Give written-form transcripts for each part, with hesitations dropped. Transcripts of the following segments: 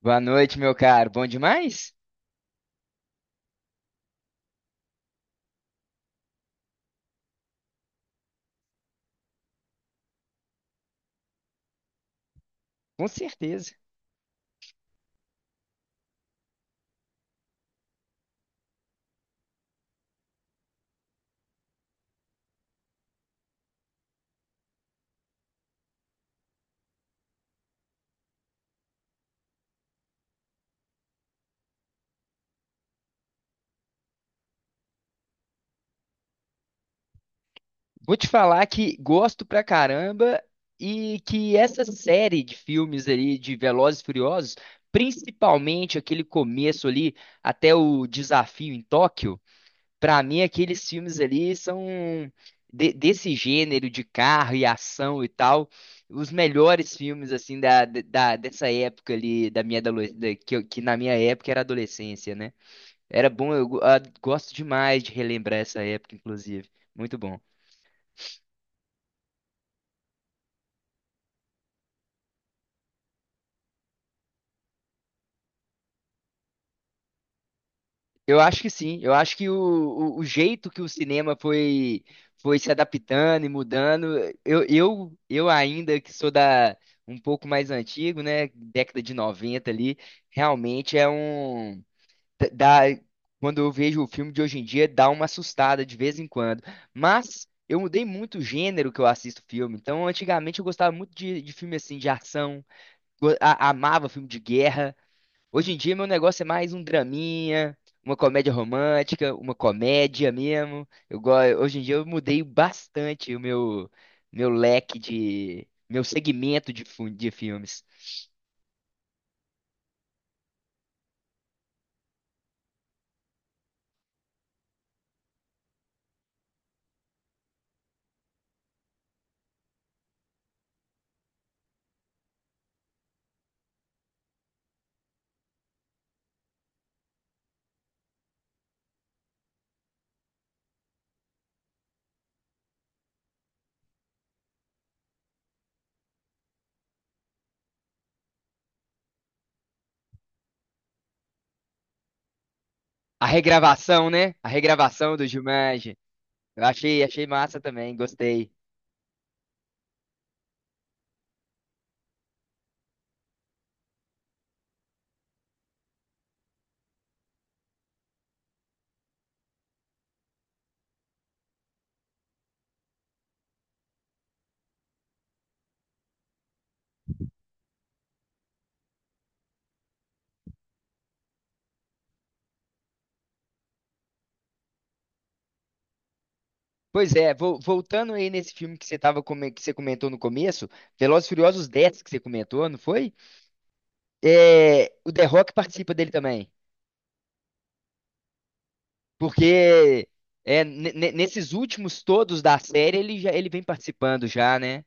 Boa noite, meu caro. Bom demais? Com certeza. Vou te falar que gosto pra caramba e que essa série de filmes ali de Velozes e Furiosos, principalmente aquele começo ali até o desafio em Tóquio, pra mim aqueles filmes ali são desse gênero de carro e ação e tal, os melhores filmes assim da dessa época ali da minha adolescência, que, que na minha época era adolescência, né? Era bom, gosto demais de relembrar essa época, inclusive. Muito bom. Eu acho que sim, eu acho o jeito que o cinema foi, foi se adaptando e mudando, eu ainda que sou da um pouco mais antigo, né, década de 90 ali, realmente é dá, quando eu vejo o filme de hoje em dia, dá uma assustada de vez em quando. Mas eu mudei muito o gênero que eu assisto filme. Então, antigamente eu gostava muito de filme assim de ação amava filme de guerra. Hoje em dia, meu negócio é mais um draminha, uma comédia romântica, uma comédia mesmo. Hoje em dia, eu mudei bastante o meu, meu leque de. Meu segmento de filmes. A regravação, né? A regravação do Jumanji. Achei massa também, gostei. Pois é, voltando aí nesse filme que você tava, que você comentou no começo, Velozes e Furiosos 10 que você comentou, não foi? É, o The Rock participa dele também. Porque é, nesses últimos todos da série ele já ele vem participando já, né?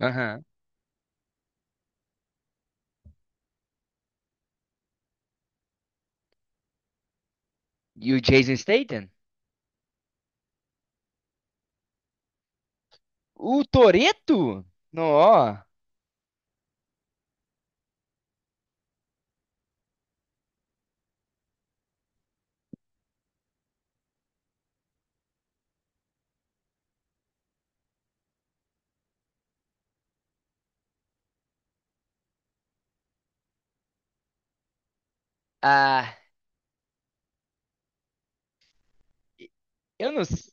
Aham. E o Jason Statham? O Toretto? Não, ó. Ah, eu não. s-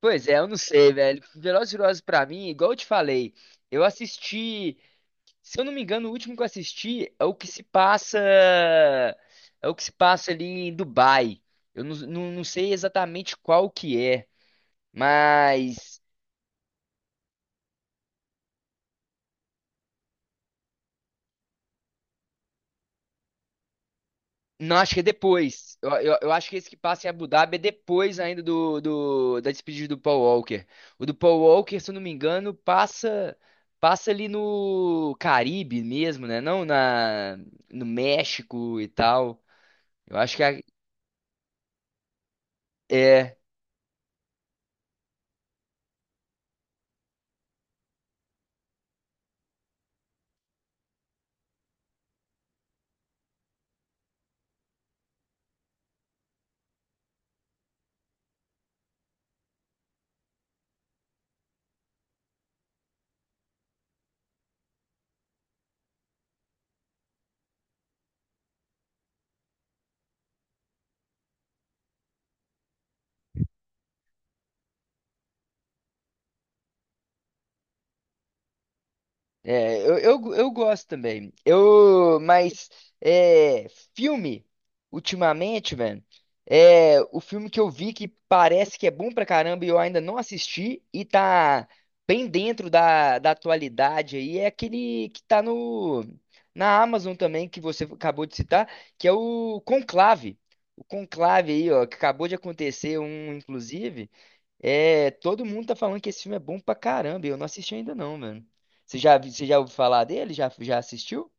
pois é, eu não sei, velho. Velozes e Furiosos pra mim, igual eu te falei, eu assisti. Se eu não me engano, o último que eu assisti é o que se passa. É o que se passa ali em Dubai. Eu não, não, não sei exatamente qual que é, mas. Não, acho que é depois. Eu acho que esse que passa em Abu Dhabi é depois ainda do da despedida do Paul Walker. O do Paul Walker, se eu não me engano, passa passa ali no Caribe mesmo, né? Não na no México e tal. Eu acho que é, é. É, eu gosto também. Eu, mas é, filme, ultimamente, mano, é o filme que eu vi que parece que é bom pra caramba e eu ainda não assisti e tá bem dentro da atualidade aí, é aquele que tá no, na Amazon também, que você acabou de citar, que é o Conclave. O Conclave aí, ó, que acabou de acontecer um, inclusive. É, todo mundo tá falando que esse filme é bom pra caramba. E eu não assisti ainda não, mano. Você já ouviu falar dele? Já assistiu?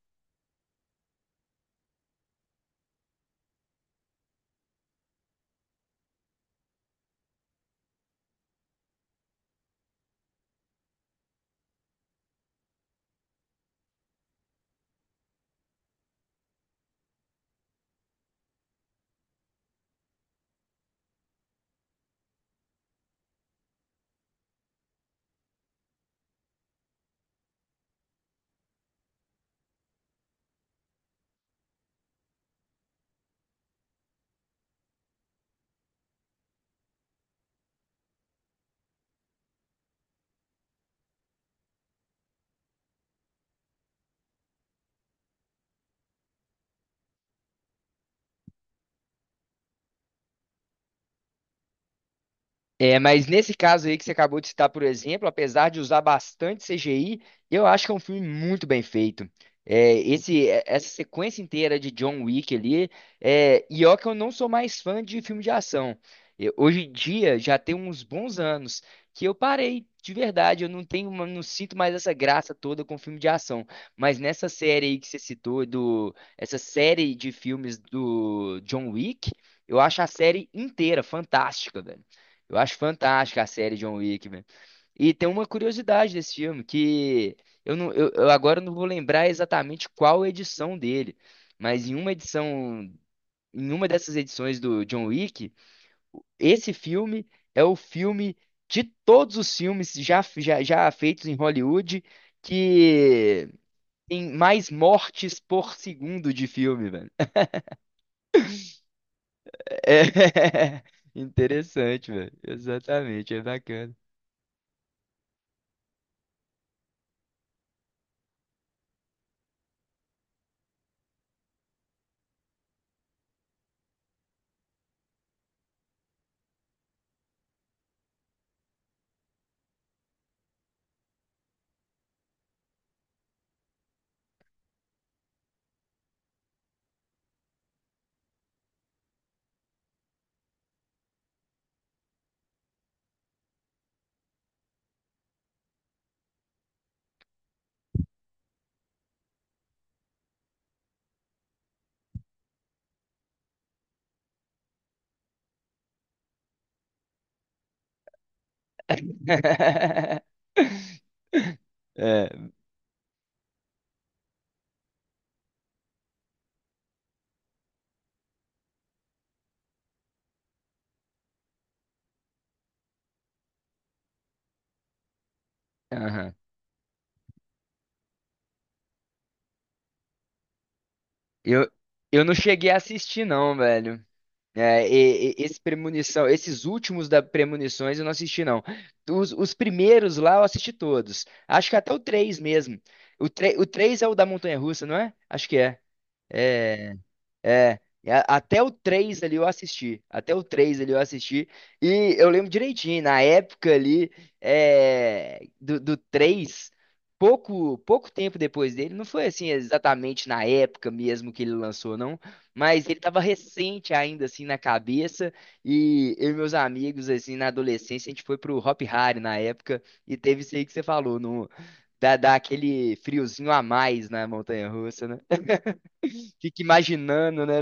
É, mas nesse caso aí que você acabou de citar, por exemplo, apesar de usar bastante CGI, eu acho que é um filme muito bem feito. É, essa sequência inteira de John Wick ali, é, e ó que eu não sou mais fã de filme de ação. Hoje em dia, já tem uns bons anos que eu parei, de verdade, eu não tenho, uma- não sinto mais essa graça toda com filme de ação. Mas nessa série aí que você citou, do, essa série de filmes do John Wick, eu acho a série inteira fantástica, velho. Eu acho fantástica a série John Wick, velho. E tem uma curiosidade desse filme, que eu agora não vou lembrar exatamente qual edição dele, mas em uma edição, em uma dessas edições do John Wick, esse filme é o filme de todos os filmes já feitos em Hollywood que tem mais mortes por segundo de filme, velho. É interessante, velho. Exatamente, é bacana. É, aham. Eu, eu não cheguei a assistir, não, velho. É, esse premonição, esses últimos da Premonições eu não assisti, não. Os primeiros lá eu assisti todos. Acho que até o 3 mesmo. O 3, o 3 é o da Montanha-Russa, não é? Acho que é. É, é, até o 3 ali eu assisti. Até o 3 ali eu assisti. E eu lembro direitinho, na época ali, é, do, do 3 pouco tempo depois dele, não foi assim exatamente na época mesmo que ele lançou, não. Mas ele tava recente ainda, assim, na cabeça. E eu e meus amigos, assim, na adolescência, a gente foi pro Hop Hari na época. E teve isso aí que você falou, no, dá aquele friozinho a mais na montanha-russa, né? Fica imaginando, né,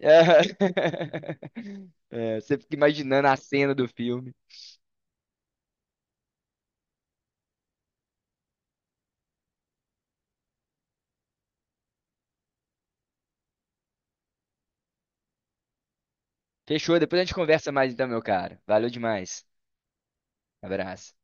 é, é, você fica imaginando a cena do filme. Fechou, depois a gente conversa mais então, meu cara. Valeu demais. Abraço.